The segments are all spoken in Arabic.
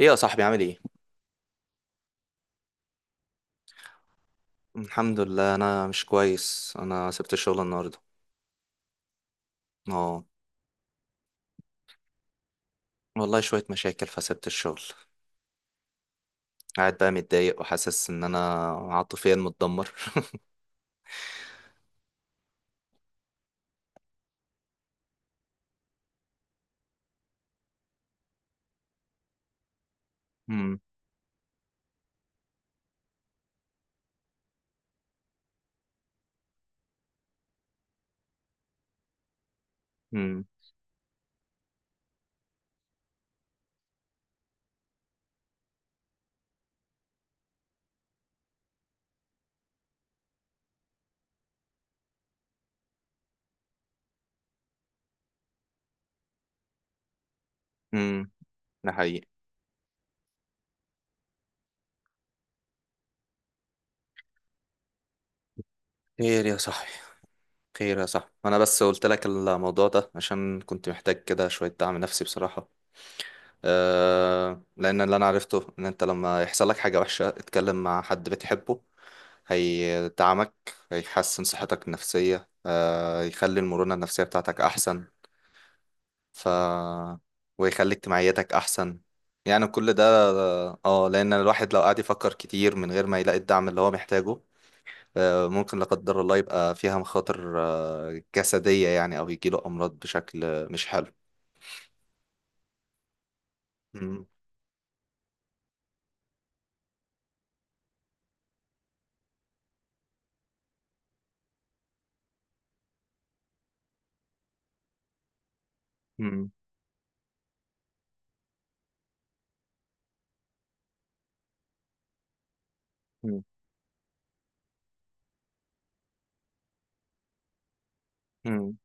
ايه يا صاحبي، عامل ايه؟ الحمد لله. انا مش كويس، انا سبت الشغل النهارده. اه، والله شويه مشاكل فسبت الشغل. قاعد بقى متضايق وحاسس ان انا عاطفيا متدمر. امم. امم. امم. ده حقيقي. خير يا صاحبي، خير يا صاحبي، انا بس قلت لك الموضوع ده عشان كنت محتاج كده شويه دعم نفسي بصراحه. لان اللي انا عرفته ان انت لما يحصل لك حاجه وحشه اتكلم مع حد بتحبه هيدعمك، هيحسن صحتك النفسية، يخلي المرونة النفسية بتاعتك أحسن. ف ويخلي اجتماعياتك أحسن، يعني كل ده. اه، لأن الواحد لو قعد يفكر كتير من غير ما يلاقي الدعم اللي هو محتاجه ممكن لا قدر الله يبقى فيها مخاطر جسدية، يعني أو يجيله أمراض بشكل مش حلو. مم. مم. مم. مم.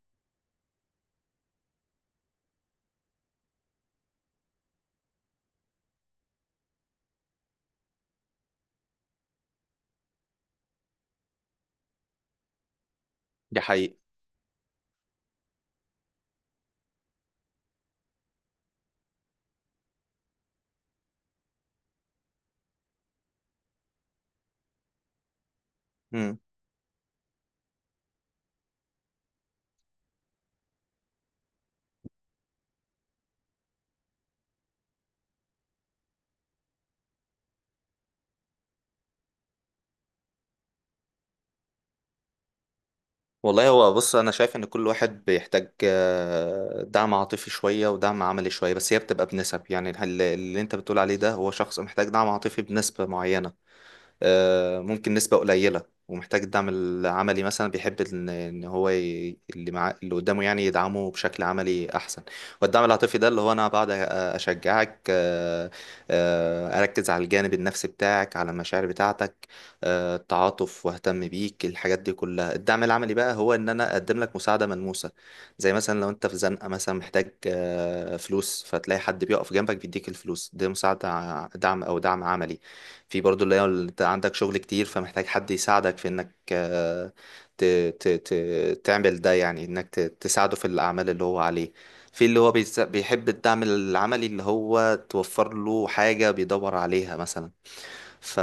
دي حقيقة. والله، هو بص، انا شايف ان كل واحد بيحتاج دعم عاطفي شويه ودعم عملي شويه، بس هي بتبقى بنسب. يعني اللي انت بتقول عليه ده هو شخص محتاج دعم عاطفي بنسبه معينه، ممكن نسبة قليلة. ومحتاج الدعم العملي مثلا، بيحب ان إن هو ي... اللي مع... اللي قدامه يعني يدعمه بشكل عملي احسن. والدعم العاطفي ده اللي هو انا بقعد اشجعك، اركز على الجانب النفسي بتاعك، على المشاعر بتاعتك، التعاطف، واهتم بيك، الحاجات دي كلها. الدعم العملي بقى هو ان انا اقدم لك مساعدة ملموسة، زي مثلا لو انت في زنقة مثلا، محتاج فلوس، فتلاقي حد بيقف جنبك بيديك الفلوس، ده مساعدة دعم، او دعم عملي. في برضو اللي هو اللي انت عندك شغل كتير، فمحتاج حد يساعدك في انك آه، ت ت ت تعمل ده، يعني انك تساعده في الاعمال اللي هو عليه. في اللي هو بيحب الدعم العملي، اللي هو توفر له حاجة بيدور عليها مثلا. ف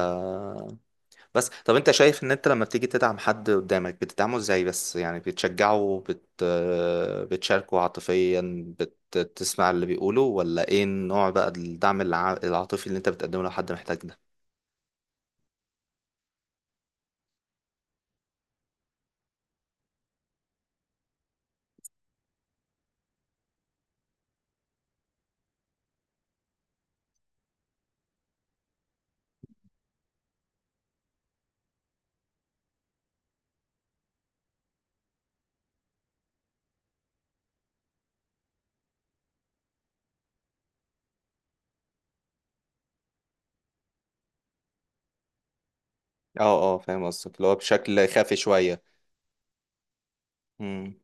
بس طب انت شايف ان انت لما بتيجي تدعم حد قدامك بتدعمه ازاي؟ بس يعني بتشجعه، بت... آه، بتشاركه عاطفيا، بتسمع اللي بيقوله، ولا ايه النوع بقى الدعم العاطفي اللي انت بتقدمه لو حد محتاج ده؟ اه، اه، فاهم قصدك، اللي هو بشكل خافي شوية. امم.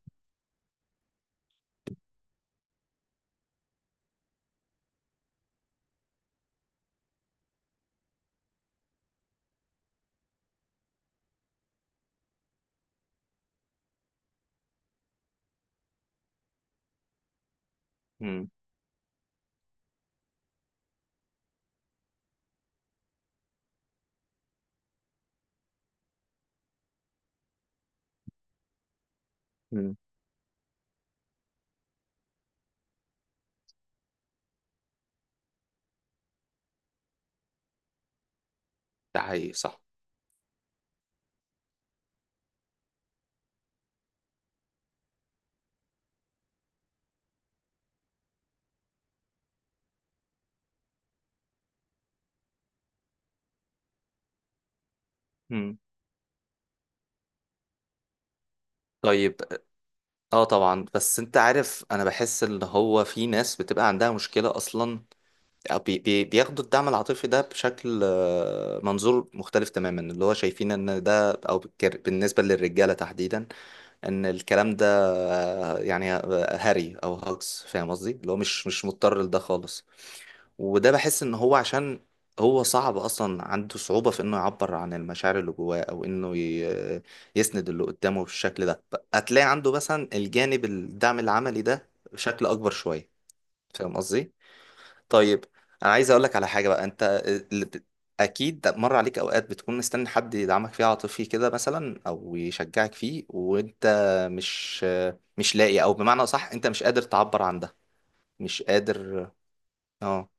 امم. امم. ده حقيقي صح. امم. طيب. اه، طبعا. بس انت عارف، انا بحس ان هو في ناس بتبقى عندها مشكلة اصلا، أو بي بي بياخدوا الدعم العاطفي ده بشكل منظور مختلف تماما، اللي هو شايفين ان ده، او بالنسبة للرجالة تحديدا، ان الكلام ده يعني هري او هاكس، فاهم قصدي، اللي هو مش مضطر لده خالص. وده بحس ان هو عشان هو صعب اصلا، عنده صعوبة في انه يعبر عن المشاعر اللي جواه، او انه يسند اللي قدامه بالشكل ده، هتلاقي عنده مثلا الجانب الدعم العملي ده بشكل اكبر شوية. فاهم قصدي؟ طيب. انا عايز اقول لك على حاجة بقى. انت اللي بت- اكيد مر عليك اوقات بتكون مستني حد يدعمك فيه عاطفي كده مثلا، او يشجعك فيه، وانت مش مش لاقي، او بمعنى صح انت مش قادر تعبر عن ده، مش قادر. اه.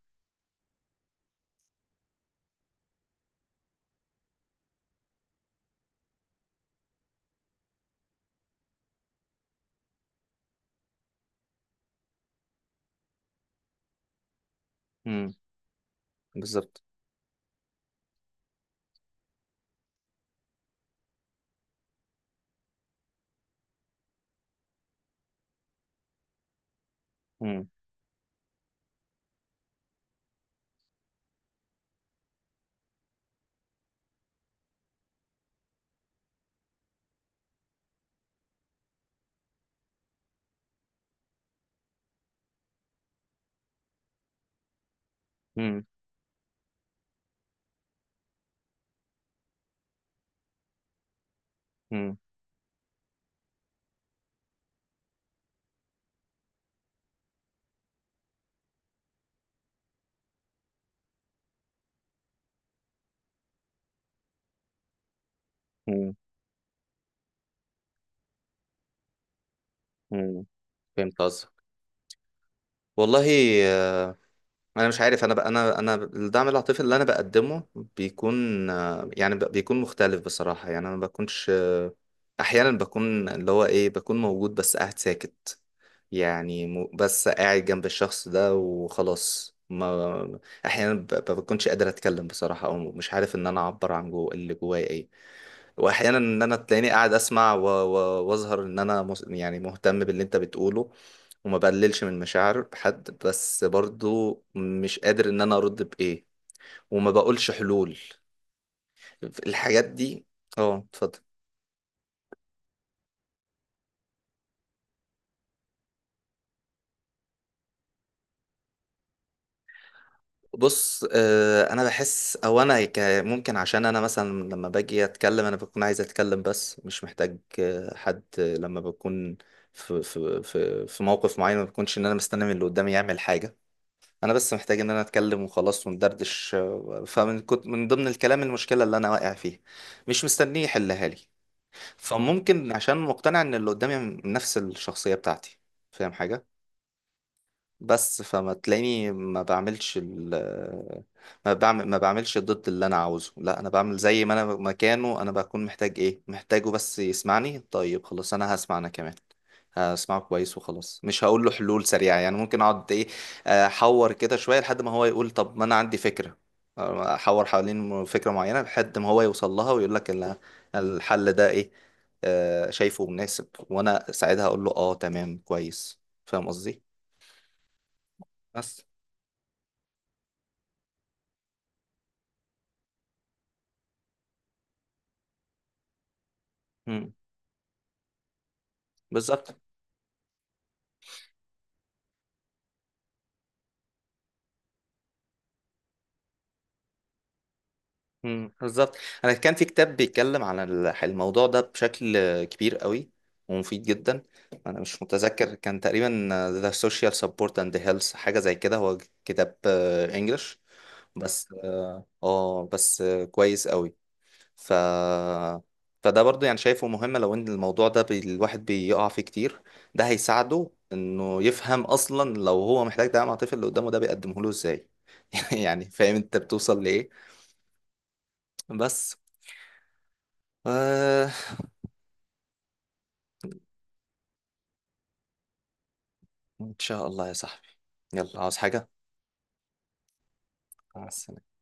امم. بالظبط. مم. مم. مم. مم. فهمت قصدك. والله، آه، انا مش عارف. انا بقى، انا الدعم العاطفي اللي انا بقدمه بيكون يعني بيكون مختلف بصراحه. يعني انا ما بكونش، احيانا بكون، اللي هو ايه، بكون موجود بس قاعد ساكت، يعني بس قاعد جنب الشخص ده وخلاص. ما احيانا بكونش قادر اتكلم بصراحه، او مش عارف ان انا اعبر عن جو اللي جوايا ايه. واحيانا ان انا تلاقيني قاعد اسمع واظهر ان انا يعني مهتم باللي انت بتقوله، وما بقللش من مشاعر حد، بس برضو مش قادر ان انا ارد بايه، وما بقولش حلول، الحاجات دي. اه، اتفضل. بص، انا بحس، او ممكن عشان انا مثلا، لما باجي اتكلم انا بكون عايز اتكلم بس مش محتاج حد. لما بكون في موقف معين، ما بكونش ان انا مستني من اللي قدامي يعمل حاجة. انا بس محتاج ان انا اتكلم وخلاص، وندردش، فمن كنت من ضمن الكلام المشكله اللي انا واقع فيها، مش مستنيه يحلها لي. فممكن عشان مقتنع ان اللي قدامي من نفس الشخصيه بتاعتي، فاهم حاجه؟ بس فما تلاقيني ما بعملش ما بعمل، ما بعملش ضد اللي انا عاوزه. لا، انا بعمل زي ما انا مكانه، انا بكون محتاج ايه محتاجه، بس يسمعني، طيب خلاص انا هسمع انا كمان، هسمعه كويس وخلاص. مش هقول له حلول سريعة، يعني ممكن اقعد ايه، احور كده شوية لحد ما هو يقول طب ما انا عندي فكرة. احور حوالين فكرة معينة لحد ما هو يوصل لها، ويقول لك الحل ده ايه، شايفه مناسب، وانا ساعتها اقول له اه تمام كويس. فاهم قصدي؟ بس. مم. بالظبط. مم. بالظبط. انا كان في كتاب بيتكلم عن الموضوع ده بشكل كبير قوي ومفيد جدا. انا مش متذكر، كان تقريبا The Social Support and the Health، حاجه زي كده. هو كتاب انجلش بس. اه، بس كويس قوي. ف فده برضو يعني شايفه مهم، لو ان الموضوع ده الواحد بيقع فيه كتير، ده هيساعده انه يفهم اصلا لو هو محتاج دعم عاطفي، اللي قدامه ده بيقدمه له ازاي. يعني فاهم انت بتوصل لايه؟ بس. آه إن شاء الله يا صاحبي. يلا، عاوز حاجة؟ مع السلامة.